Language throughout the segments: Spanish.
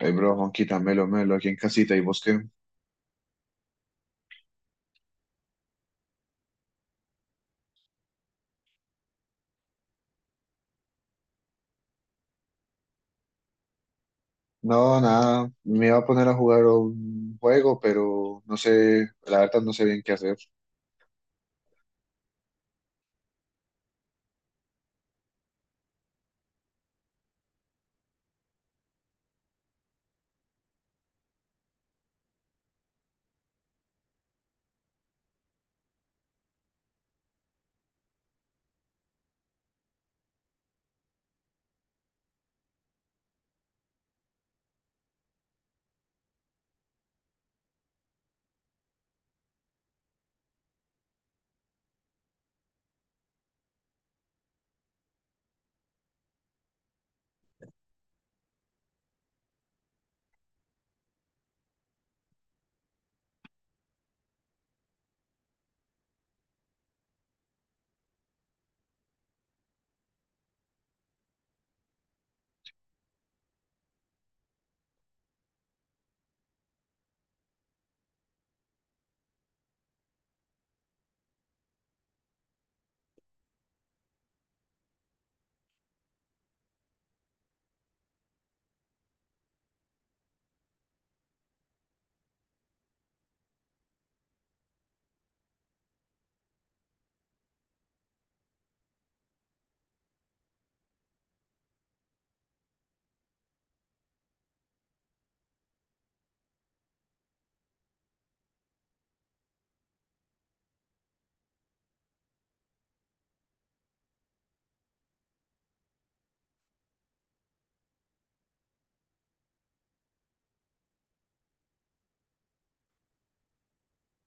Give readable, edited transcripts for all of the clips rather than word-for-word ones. Hey bro, Juanquita, melo, melo, aquí en casita, ¿y vos qué? No, nada, me iba a poner a jugar un juego, pero no sé, la verdad no sé bien qué hacer.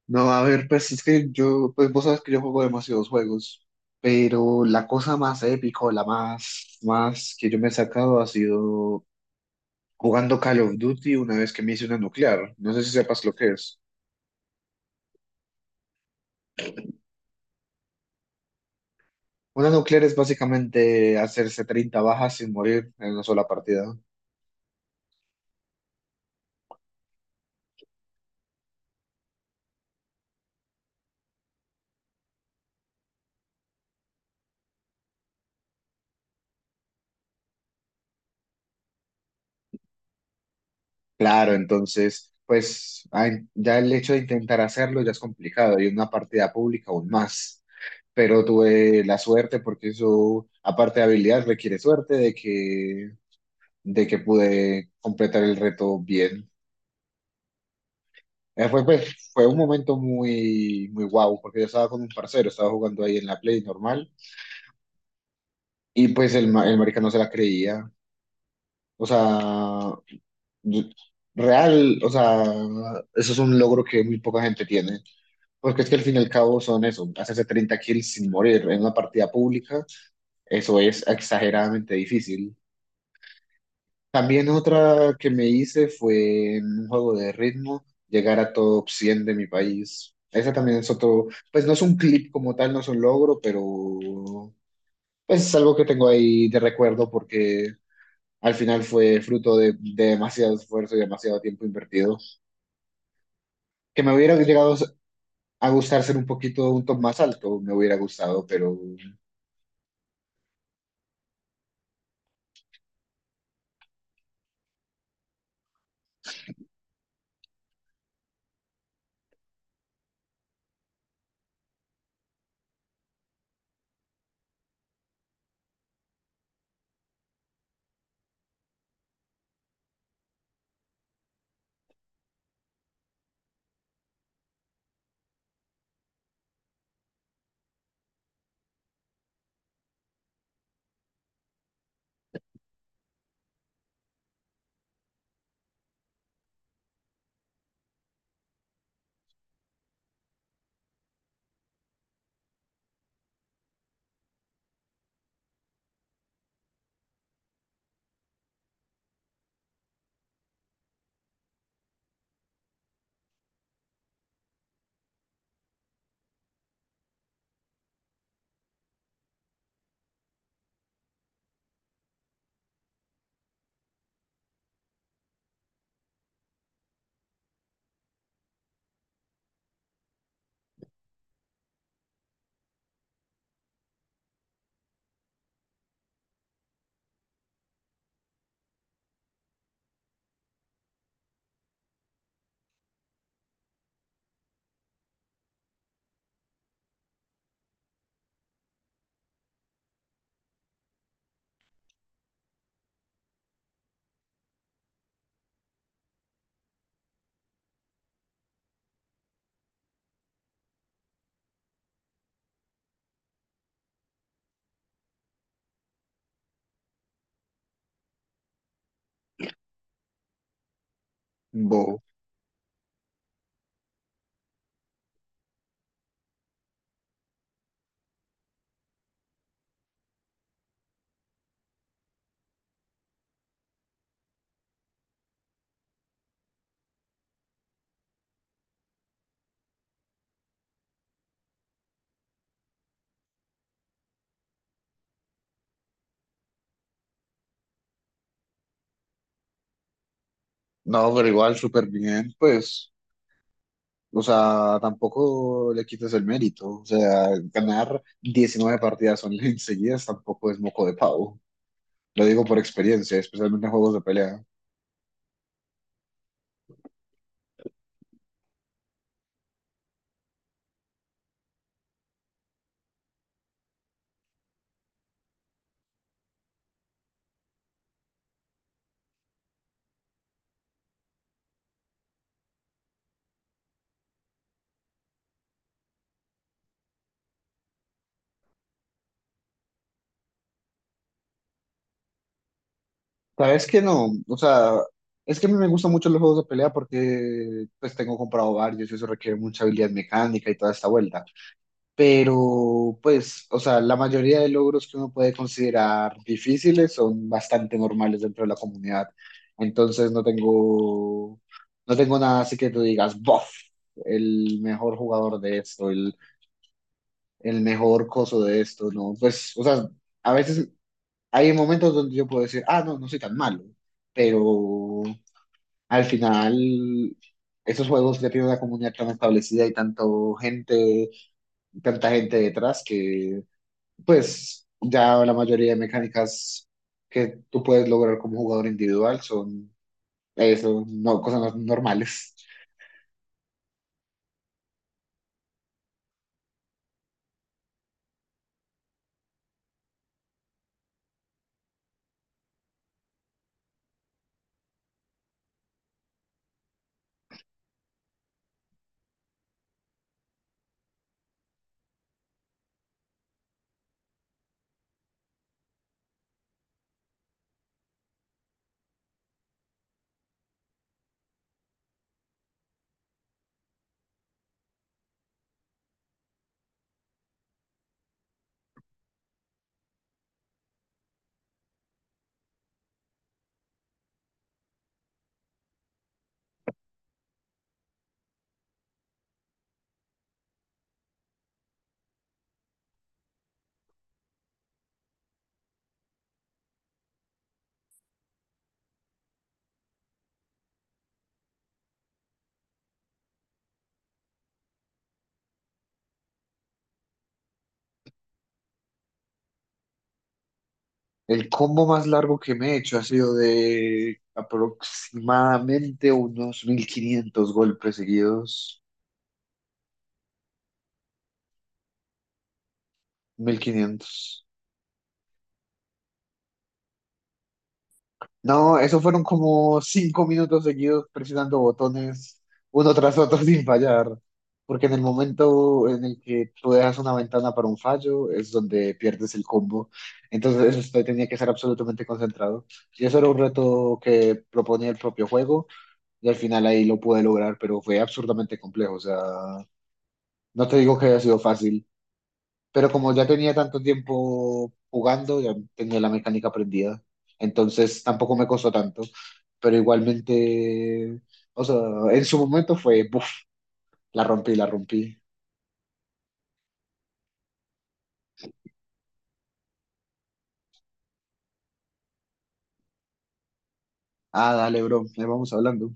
No, a ver, pues pues vos sabes que yo juego demasiados juegos, pero la cosa más épico, la más, más que yo me he sacado ha sido jugando Call of Duty una vez que me hice una nuclear. No sé si sepas lo que es. Una nuclear es básicamente hacerse 30 bajas sin morir en una sola partida. Claro, entonces, pues ay, ya el hecho de intentar hacerlo ya es complicado y una partida pública aún más. Pero tuve la suerte porque eso, aparte de habilidad, requiere suerte de que pude completar el reto bien. Pues, fue un momento muy, muy guau porque yo estaba con un parcero, estaba jugando ahí en la Play normal y pues el marica no se la creía. O sea, yo- real, o sea, eso es un logro que muy poca gente tiene. Porque es que al fin y al cabo son eso, hacerse 30 kills sin morir en una partida pública, eso es exageradamente difícil. También otra que me hice fue en un juego de ritmo, llegar a top 100 de mi país. Esa también es otro, pues no es un clip como tal, no es un logro, pero pues es algo que tengo ahí de recuerdo porque al final fue fruto de demasiado esfuerzo y demasiado tiempo invertido. Que me hubiera llegado a gustar ser un poquito un top más alto, me hubiera gustado, pero... Bo. No, pero igual súper bien, pues, o sea, tampoco le quites el mérito, o sea, ganar 19 partidas online seguidas tampoco es moco de pavo, lo digo por experiencia, especialmente en juegos de pelea. Sabes que no, o sea, es que a mí me gustan mucho los juegos de pelea porque pues tengo comprado varios y eso requiere mucha habilidad mecánica y toda esta vuelta. Pero pues, o sea, la mayoría de logros que uno puede considerar difíciles son bastante normales dentro de la comunidad. Entonces no tengo nada así que tú digas, bof, el mejor jugador de esto, el mejor coso de esto, ¿no? Pues, o sea, a veces hay momentos donde yo puedo decir, ah, no, no soy tan malo, pero al final... Esos juegos ya tienen una comunidad tan establecida y tanto gente, tanta gente detrás que pues ya la mayoría de mecánicas que tú puedes lograr como jugador individual son eso, no, cosas normales. El combo más largo que me he hecho ha sido de aproximadamente unos 1.500 golpes seguidos. 1.500. No, eso fueron como 5 minutos seguidos presionando botones uno tras otro sin fallar, porque en el momento en el que tú dejas una ventana para un fallo es donde pierdes el combo. Entonces esto tenía que ser absolutamente concentrado. Y eso era un reto que proponía el propio juego y al final ahí lo pude lograr, pero fue absurdamente complejo. O sea, no te digo que haya sido fácil, pero como ya tenía tanto tiempo jugando, ya tenía la mecánica aprendida. Entonces tampoco me costó tanto. Pero igualmente, o sea, en su momento fue, buf, la rompí, la rompí. Ah, dale, bro, ahí vamos hablando.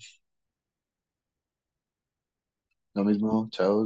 Lo mismo, chao.